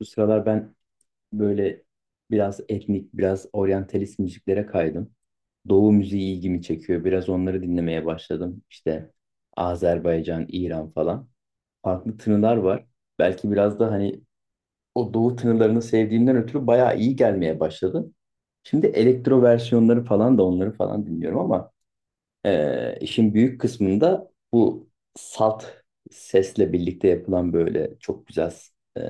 Bu sıralar ben böyle biraz etnik, biraz oryantalist müziklere kaydım. Doğu müziği ilgimi çekiyor. Biraz onları dinlemeye başladım. İşte Azerbaycan, İran falan. Farklı tınılar var. Belki biraz da hani o doğu tınılarını sevdiğimden ötürü bayağı iyi gelmeye başladı. Şimdi elektro versiyonları falan da onları falan dinliyorum ama işin büyük kısmında bu salt sesle birlikte yapılan böyle çok güzel e,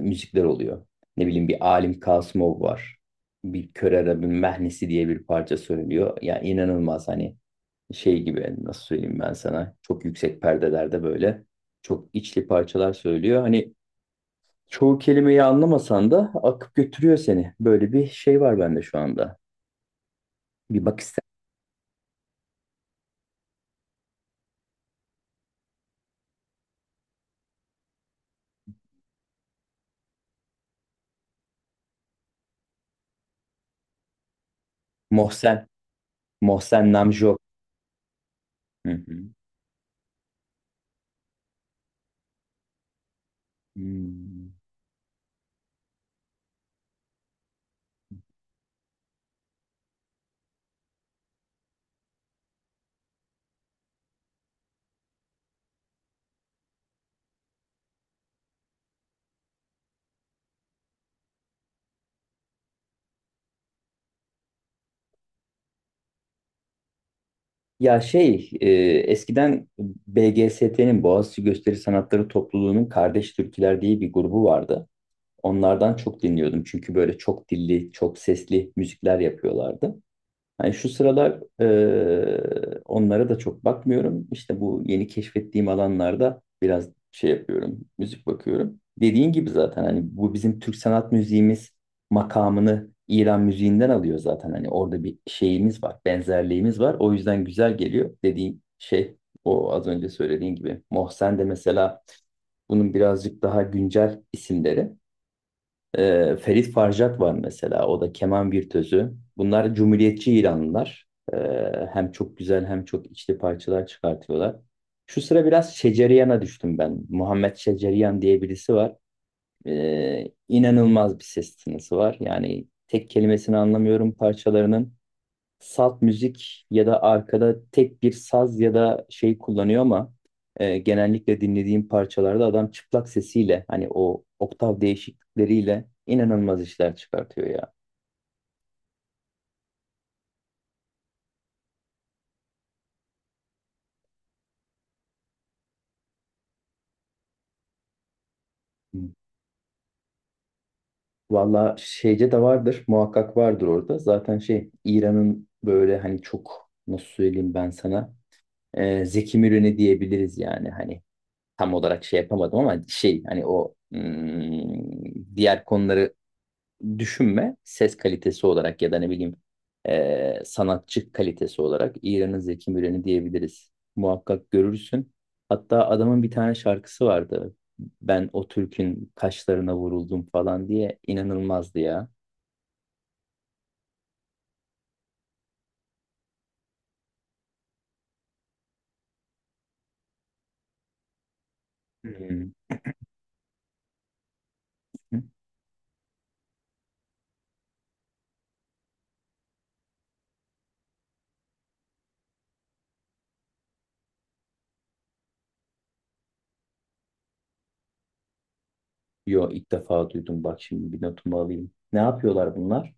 müzikler oluyor. Ne bileyim bir Alim Kasımov var. Bir Kör Arap'ın Mehnesi diye bir parça söylüyor. Ya inanılmaz hani şey gibi nasıl söyleyeyim ben sana çok yüksek perdelerde böyle çok içli parçalar söylüyor. Hani çoğu kelimeyi anlamasan da akıp götürüyor seni. Böyle bir şey var bende şu anda. Bir bak ister. Mohsen, Mohsen Namjo. Hı hı. Hmm. Ya şey, eskiden BGST'nin Boğaziçi Gösteri Sanatları Topluluğu'nun Kardeş Türküler diye bir grubu vardı. Onlardan çok dinliyordum çünkü böyle çok dilli, çok sesli müzikler yapıyorlardı. Yani şu sıralar onlara da çok bakmıyorum. İşte bu yeni keşfettiğim alanlarda biraz şey yapıyorum, müzik bakıyorum. Dediğin gibi zaten hani bu bizim Türk sanat müziğimiz makamını İran müziğinden alıyor zaten. Hani orada bir şeyimiz var, benzerliğimiz var. O yüzden güzel geliyor dediğin şey o az önce söylediğin gibi. Mohsen de mesela bunun birazcık daha güncel isimleri. Ferit Farjat var mesela. O da keman virtüözü. Bunlar cumhuriyetçi İranlılar. Ee, hem çok güzel hem çok içli parçalar çıkartıyorlar. Şu sıra biraz Şeceriyan'a düştüm ben. Muhammed Şeceriyan diye birisi var. İnanılmaz bir ses tınısı var. Yani tek kelimesini anlamıyorum parçalarının salt müzik ya da arkada tek bir saz ya da şey kullanıyor ama genellikle dinlediğim parçalarda adam çıplak sesiyle hani o oktav değişiklikleriyle inanılmaz işler çıkartıyor ya. Valla şeyce de vardır muhakkak vardır orada. Zaten şey İran'ın böyle hani çok nasıl söyleyeyim ben sana Zeki Müren'i diyebiliriz yani hani tam olarak şey yapamadım ama şey hani o diğer konuları düşünme ses kalitesi olarak ya da ne bileyim sanatçı kalitesi olarak İran'ın Zeki Müren'i diyebiliriz. Muhakkak görürsün. Hatta adamın bir tane şarkısı vardı. Ben o Türk'ün kaşlarına vuruldum falan diye inanılmazdı ya. Hmm. Hmm. Yo ilk defa duydum. Bak şimdi bir notumu alayım. Ne yapıyorlar bunlar?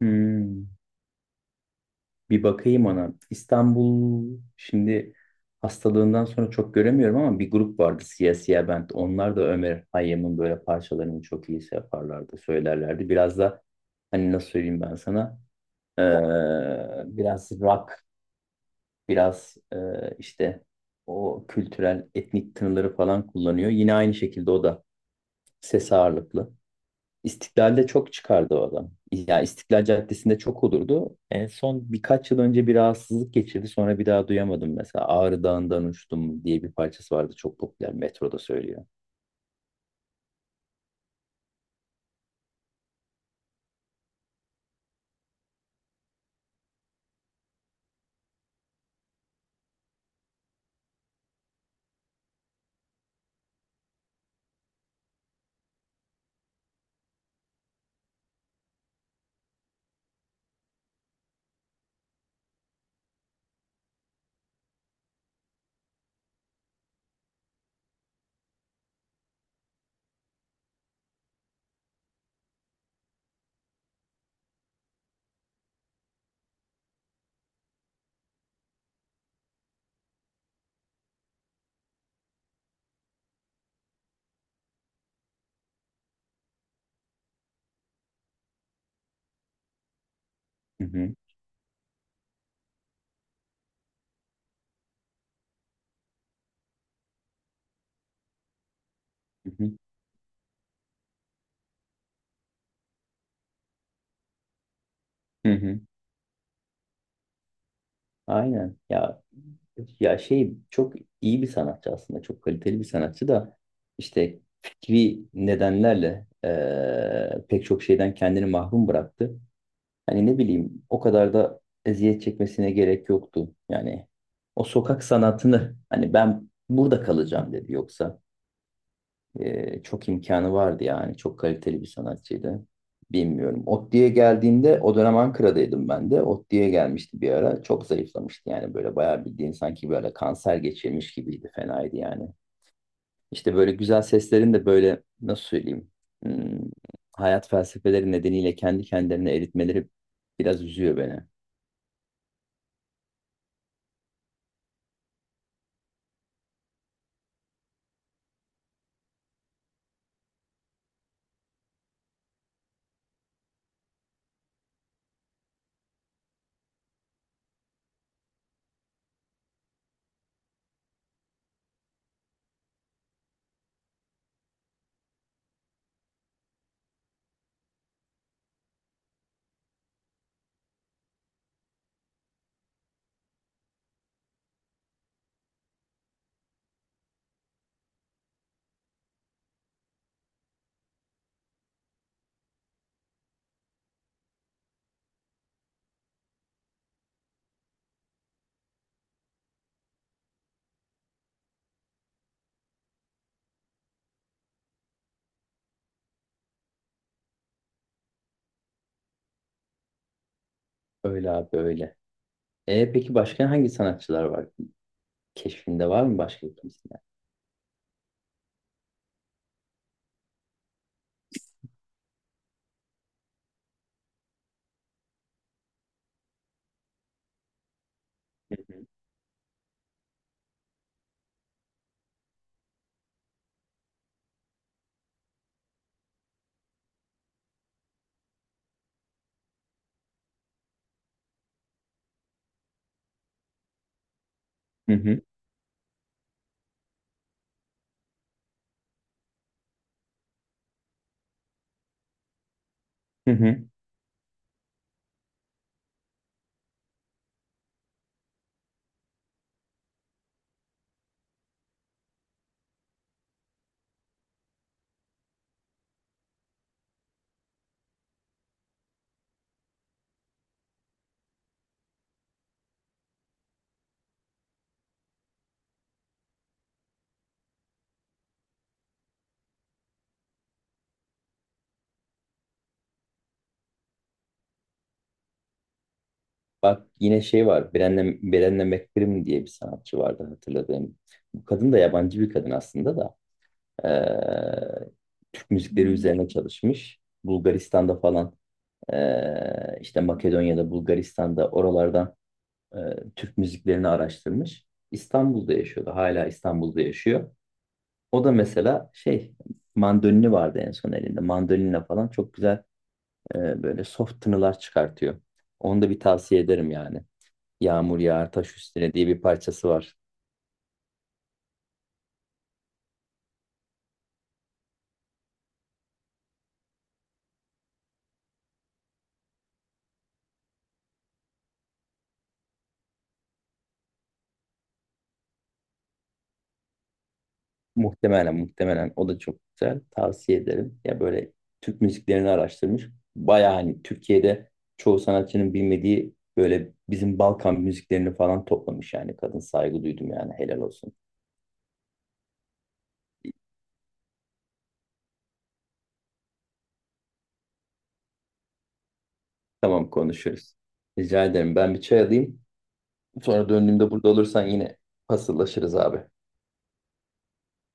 Hmm. Bir bakayım ona. İstanbul şimdi hastalığından sonra çok göremiyorum ama bir grup vardı Siyah Siyah Band. Onlar da Ömer Hayyam'ın böyle parçalarını çok iyi şey yaparlardı, söylerlerdi. Biraz da hani nasıl söyleyeyim ben sana ee, biraz rock, biraz işte o kültürel etnik tınıları falan kullanıyor. Yine aynı şekilde o da ses ağırlıklı. İstiklal'de çok çıkardı o adam. Ya İstiklal Caddesi'nde çok olurdu. En son birkaç yıl önce bir rahatsızlık geçirdi. Sonra bir daha duyamadım mesela. Ağrı Dağı'ndan uçtum diye bir parçası vardı. Çok popüler. Metroda söylüyor. Hı hı, hı hı, hı hı. Aynen. Ya şey çok iyi bir sanatçı aslında. Çok kaliteli bir sanatçı da işte fikri nedenlerle pek çok şeyden kendini mahrum bıraktı. Hani ne bileyim o kadar da eziyet çekmesine gerek yoktu. Yani o sokak sanatını hani ben burada kalacağım dedi. Yoksa çok imkanı vardı yani. Çok kaliteli bir sanatçıydı. Bilmiyorum. Otti'ye geldiğinde o dönem Ankara'daydım ben de. Otti'ye gelmişti bir ara. Çok zayıflamıştı yani böyle bayağı bildiğin sanki böyle kanser geçirmiş gibiydi. Fenaydı yani. İşte böyle güzel seslerin de böyle nasıl söyleyeyim hmm, hayat felsefeleri nedeniyle kendi kendilerine eritmeleri biraz üzüyor beni. Öyle abi öyle. Peki başka hangi sanatçılar var? Keşfinde var mı başka kimse? Hı hı. Hı hı. Hı hı. Bak yine şey var. Brené McBrim diye bir sanatçı vardı hatırladığım. Bu kadın da yabancı bir kadın aslında da. Ee, Türk müzikleri üzerine çalışmış. Bulgaristan'da falan işte Makedonya'da, Bulgaristan'da oralardan ee, Türk müziklerini araştırmış. İstanbul'da yaşıyordu. Hala İstanbul'da yaşıyor. O da mesela şey mandolini vardı en son elinde. Mandolinle falan çok güzel böyle soft tınılar çıkartıyor. Onu da bir tavsiye ederim yani. Yağmur yağar taş üstüne diye bir parçası var. Muhtemelen o da çok güzel. Tavsiye ederim. Ya böyle Türk müziklerini araştırmış. Baya hani Türkiye'de çoğu sanatçının bilmediği böyle bizim Balkan müziklerini falan toplamış yani. Kadın saygı duydum yani helal olsun. Tamam konuşuruz. Rica ederim. Ben bir çay alayım. Sonra döndüğümde burada olursan yine paslaşırız abi.